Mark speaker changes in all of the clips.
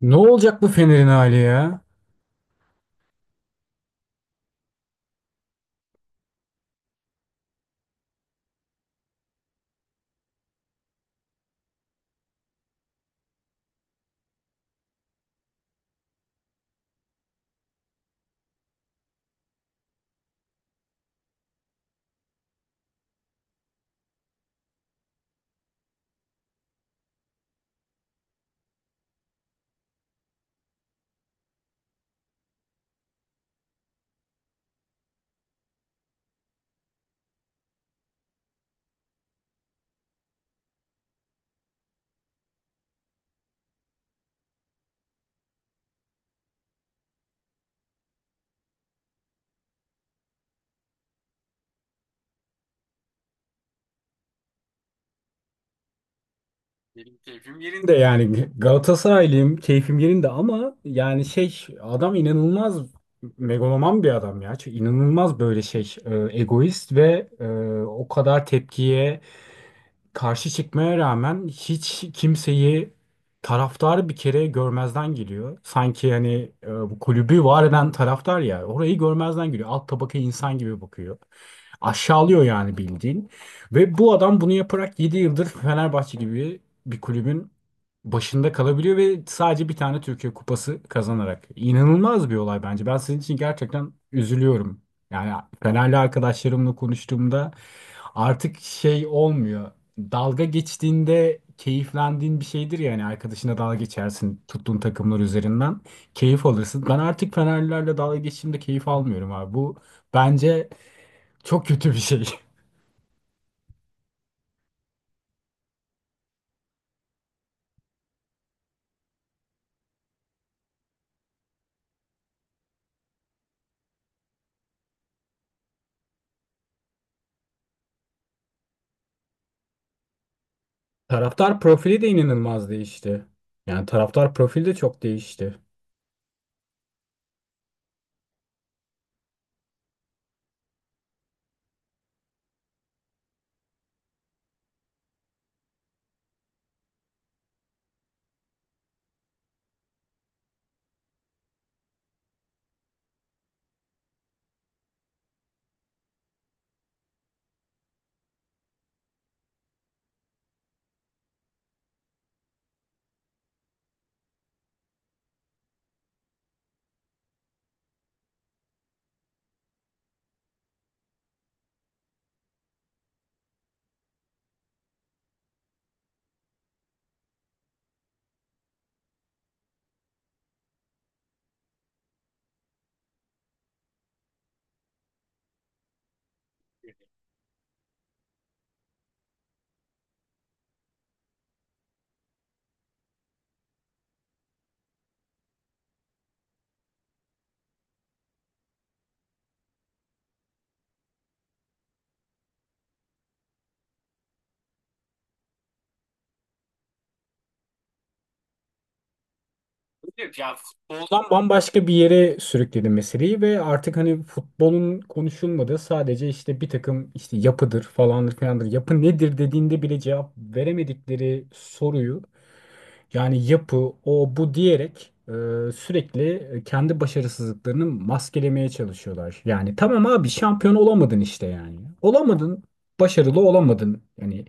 Speaker 1: Ne olacak bu Fener'in hali ya? Ben de yani Galatasaraylıyım, keyfim yerinde ama adam inanılmaz megaloman bir adam ya. Çünkü inanılmaz egoist ve o kadar tepkiye karşı çıkmaya rağmen hiç kimseyi taraftarı bir kere görmezden geliyor. Sanki bu kulübü var eden taraftar ya orayı görmezden geliyor. Alt tabaka insan gibi bakıyor. Aşağılıyor yani bildiğin. Ve bu adam bunu yaparak 7 yıldır Fenerbahçe gibi bir kulübün başında kalabiliyor ve sadece bir tane Türkiye Kupası kazanarak. İnanılmaz bir olay bence. Ben sizin için gerçekten üzülüyorum. Yani Fenerli arkadaşlarımla konuştuğumda artık şey olmuyor. Dalga geçtiğinde keyiflendiğin bir şeydir ya hani arkadaşına dalga geçersin tuttuğun takımlar üzerinden keyif alırsın. Ben artık Fenerlilerle dalga geçtiğimde keyif almıyorum abi. Bu bence çok kötü bir şey. Taraftar profili de inanılmaz değişti. Yani taraftar profili de çok değişti. Futboldan bambaşka bir yere sürükledi meseleyi ve artık hani futbolun konuşulmadığı, sadece işte bir takım işte yapıdır falandır filandır, yapı nedir dediğinde bile cevap veremedikleri soruyu, yani yapı, o bu diyerek sürekli kendi başarısızlıklarını maskelemeye çalışıyorlar. Yani tamam abi şampiyon olamadın işte yani. Olamadın, başarılı olamadın. Yani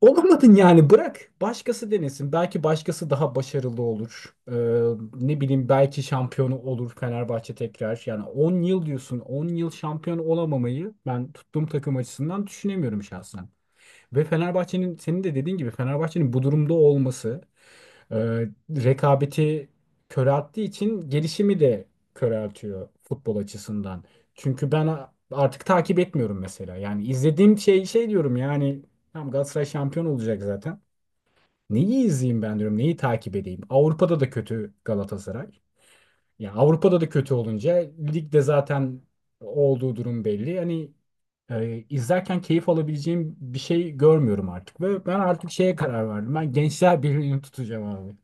Speaker 1: olamadın, yani bırak başkası denesin. Belki başkası daha başarılı olur. Ne bileyim, belki şampiyonu olur Fenerbahçe tekrar. Yani 10 yıl diyorsun, 10 yıl şampiyon olamamayı ben tuttuğum takım açısından düşünemiyorum şahsen. Ve Fenerbahçe'nin, senin de dediğin gibi, Fenerbahçe'nin bu durumda olması e, rekabeti körelttiği için gelişimi de köreltiyor futbol açısından. Çünkü ben artık takip etmiyorum mesela. Yani izlediğim şey diyorum, yani tam Galatasaray şampiyon olacak zaten. Neyi izleyeyim ben diyorum, neyi takip edeyim? Avrupa'da da kötü Galatasaray. Ya Avrupa'da da kötü olunca ligde zaten olduğu durum belli. İzlerken keyif alabileceğim bir şey görmüyorum artık ve ben artık şeye karar verdim. Ben Gençler Birliği'ni tutacağım abi.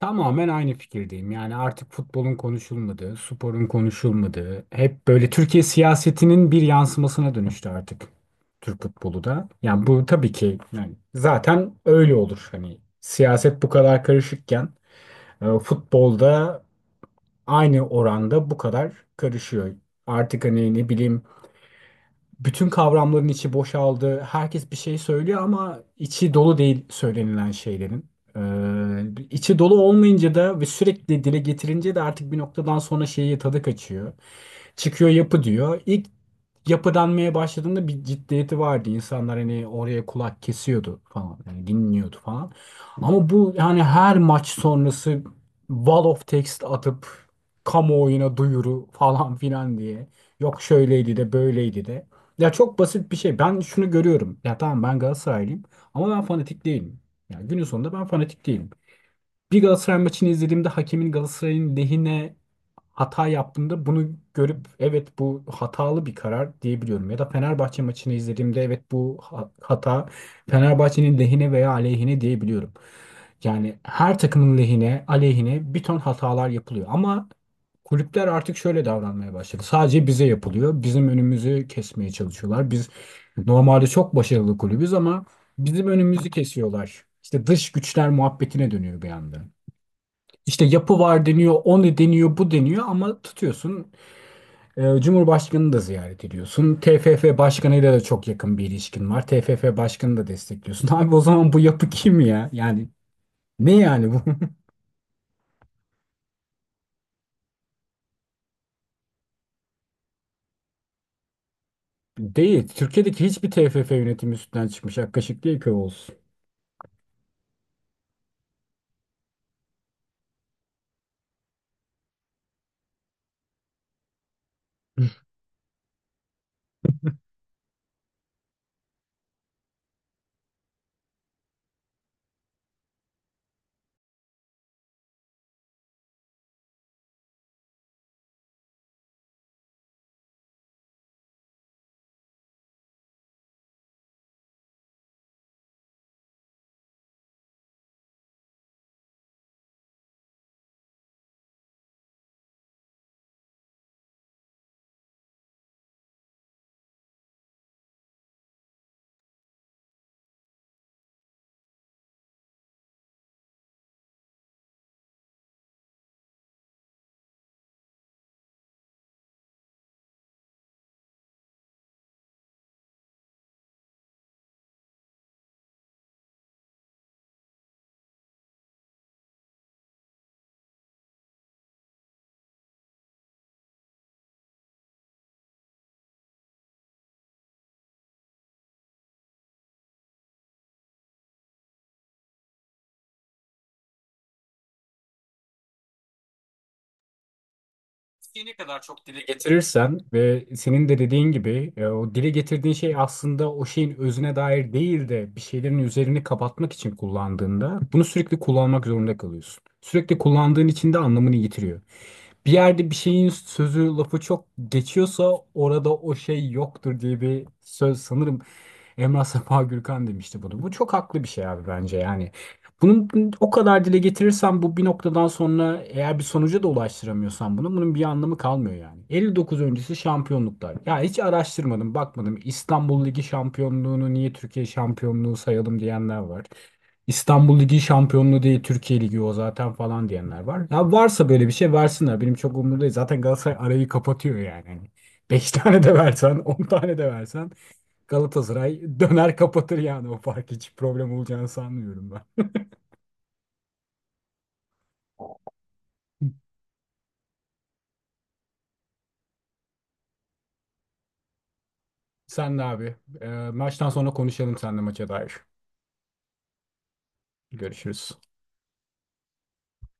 Speaker 1: Tamamen aynı fikirdeyim. Yani artık futbolun konuşulmadığı, sporun konuşulmadığı, hep böyle Türkiye siyasetinin bir yansımasına dönüştü artık Türk futbolu da. Yani bu tabii ki yani zaten öyle olur. Hani siyaset bu kadar karışıkken futbolda aynı oranda bu kadar karışıyor. Artık hani ne bileyim bütün kavramların içi boşaldı. Herkes bir şey söylüyor ama içi dolu değil söylenilen şeylerin. İçi dolu olmayınca da ve sürekli dile getirince de artık bir noktadan sonra şeyi tadı kaçıyor. Çıkıyor yapı diyor. İlk yapılanmaya başladığında bir ciddiyeti vardı. İnsanlar hani oraya kulak kesiyordu falan. Yani dinliyordu falan. Ama bu yani her maç sonrası wall of text atıp kamuoyuna duyuru falan filan diye. Yok şöyleydi de böyleydi de. Ya çok basit bir şey. Ben şunu görüyorum. Ya tamam, ben Galatasaraylıyım ama ben fanatik değilim. Yani günün sonunda ben fanatik değilim. Bir Galatasaray maçını izlediğimde hakemin Galatasaray'ın lehine hata yaptığımda bunu görüp evet bu hatalı bir karar diyebiliyorum. Ya da Fenerbahçe maçını izlediğimde evet bu hata Fenerbahçe'nin lehine veya aleyhine diyebiliyorum. Yani her takımın lehine, aleyhine bir ton hatalar yapılıyor. Ama kulüpler artık şöyle davranmaya başladı. Sadece bize yapılıyor. Bizim önümüzü kesmeye çalışıyorlar. Biz normalde çok başarılı kulübüz ama bizim önümüzü kesiyorlar. İşte dış güçler muhabbetine dönüyor bir anda. İşte yapı var deniyor, o ne deniyor, bu deniyor ama tutuyorsun. Cumhurbaşkanını da ziyaret ediyorsun. TFF başkanıyla da çok yakın bir ilişkin var. TFF başkanını da destekliyorsun. Abi o zaman bu yapı kim ya? Yani ne yani bu? Değil. Türkiye'deki hiçbir TFF yönetimi üstünden çıkmış. Ak kaşık değil köy olsun. Ne kadar çok dile getirirsen ve senin de dediğin gibi, o dile getirdiğin şey aslında o şeyin özüne dair değil de bir şeylerin üzerini kapatmak için kullandığında bunu sürekli kullanmak zorunda kalıyorsun. Sürekli kullandığın için de anlamını yitiriyor. Bir yerde bir şeyin sözü, lafı çok geçiyorsa orada o şey yoktur diye bir söz, sanırım Emrah Safa Gürkan demişti bunu. Bu çok haklı bir şey abi bence yani. Bunu o kadar dile getirirsen bu bir noktadan sonra, eğer bir sonuca da ulaştıramıyorsan bunu, bunun bir anlamı kalmıyor yani. 59 öncesi şampiyonluklar. Ya hiç araştırmadım, bakmadım. İstanbul Ligi şampiyonluğunu niye Türkiye şampiyonluğu sayalım diyenler var. İstanbul Ligi şampiyonluğu değil Türkiye Ligi o zaten falan diyenler var. Ya varsa böyle bir şey versinler. Benim çok umurumda değil. Zaten Galatasaray arayı kapatıyor yani. 5 tane de versen, 10 tane de versen Galatasaray döner kapatır yani, o fark hiç problem olacağını sanmıyorum ben. Sen de abi. Maçtan sonra konuşalım seninle maça dair. Görüşürüz.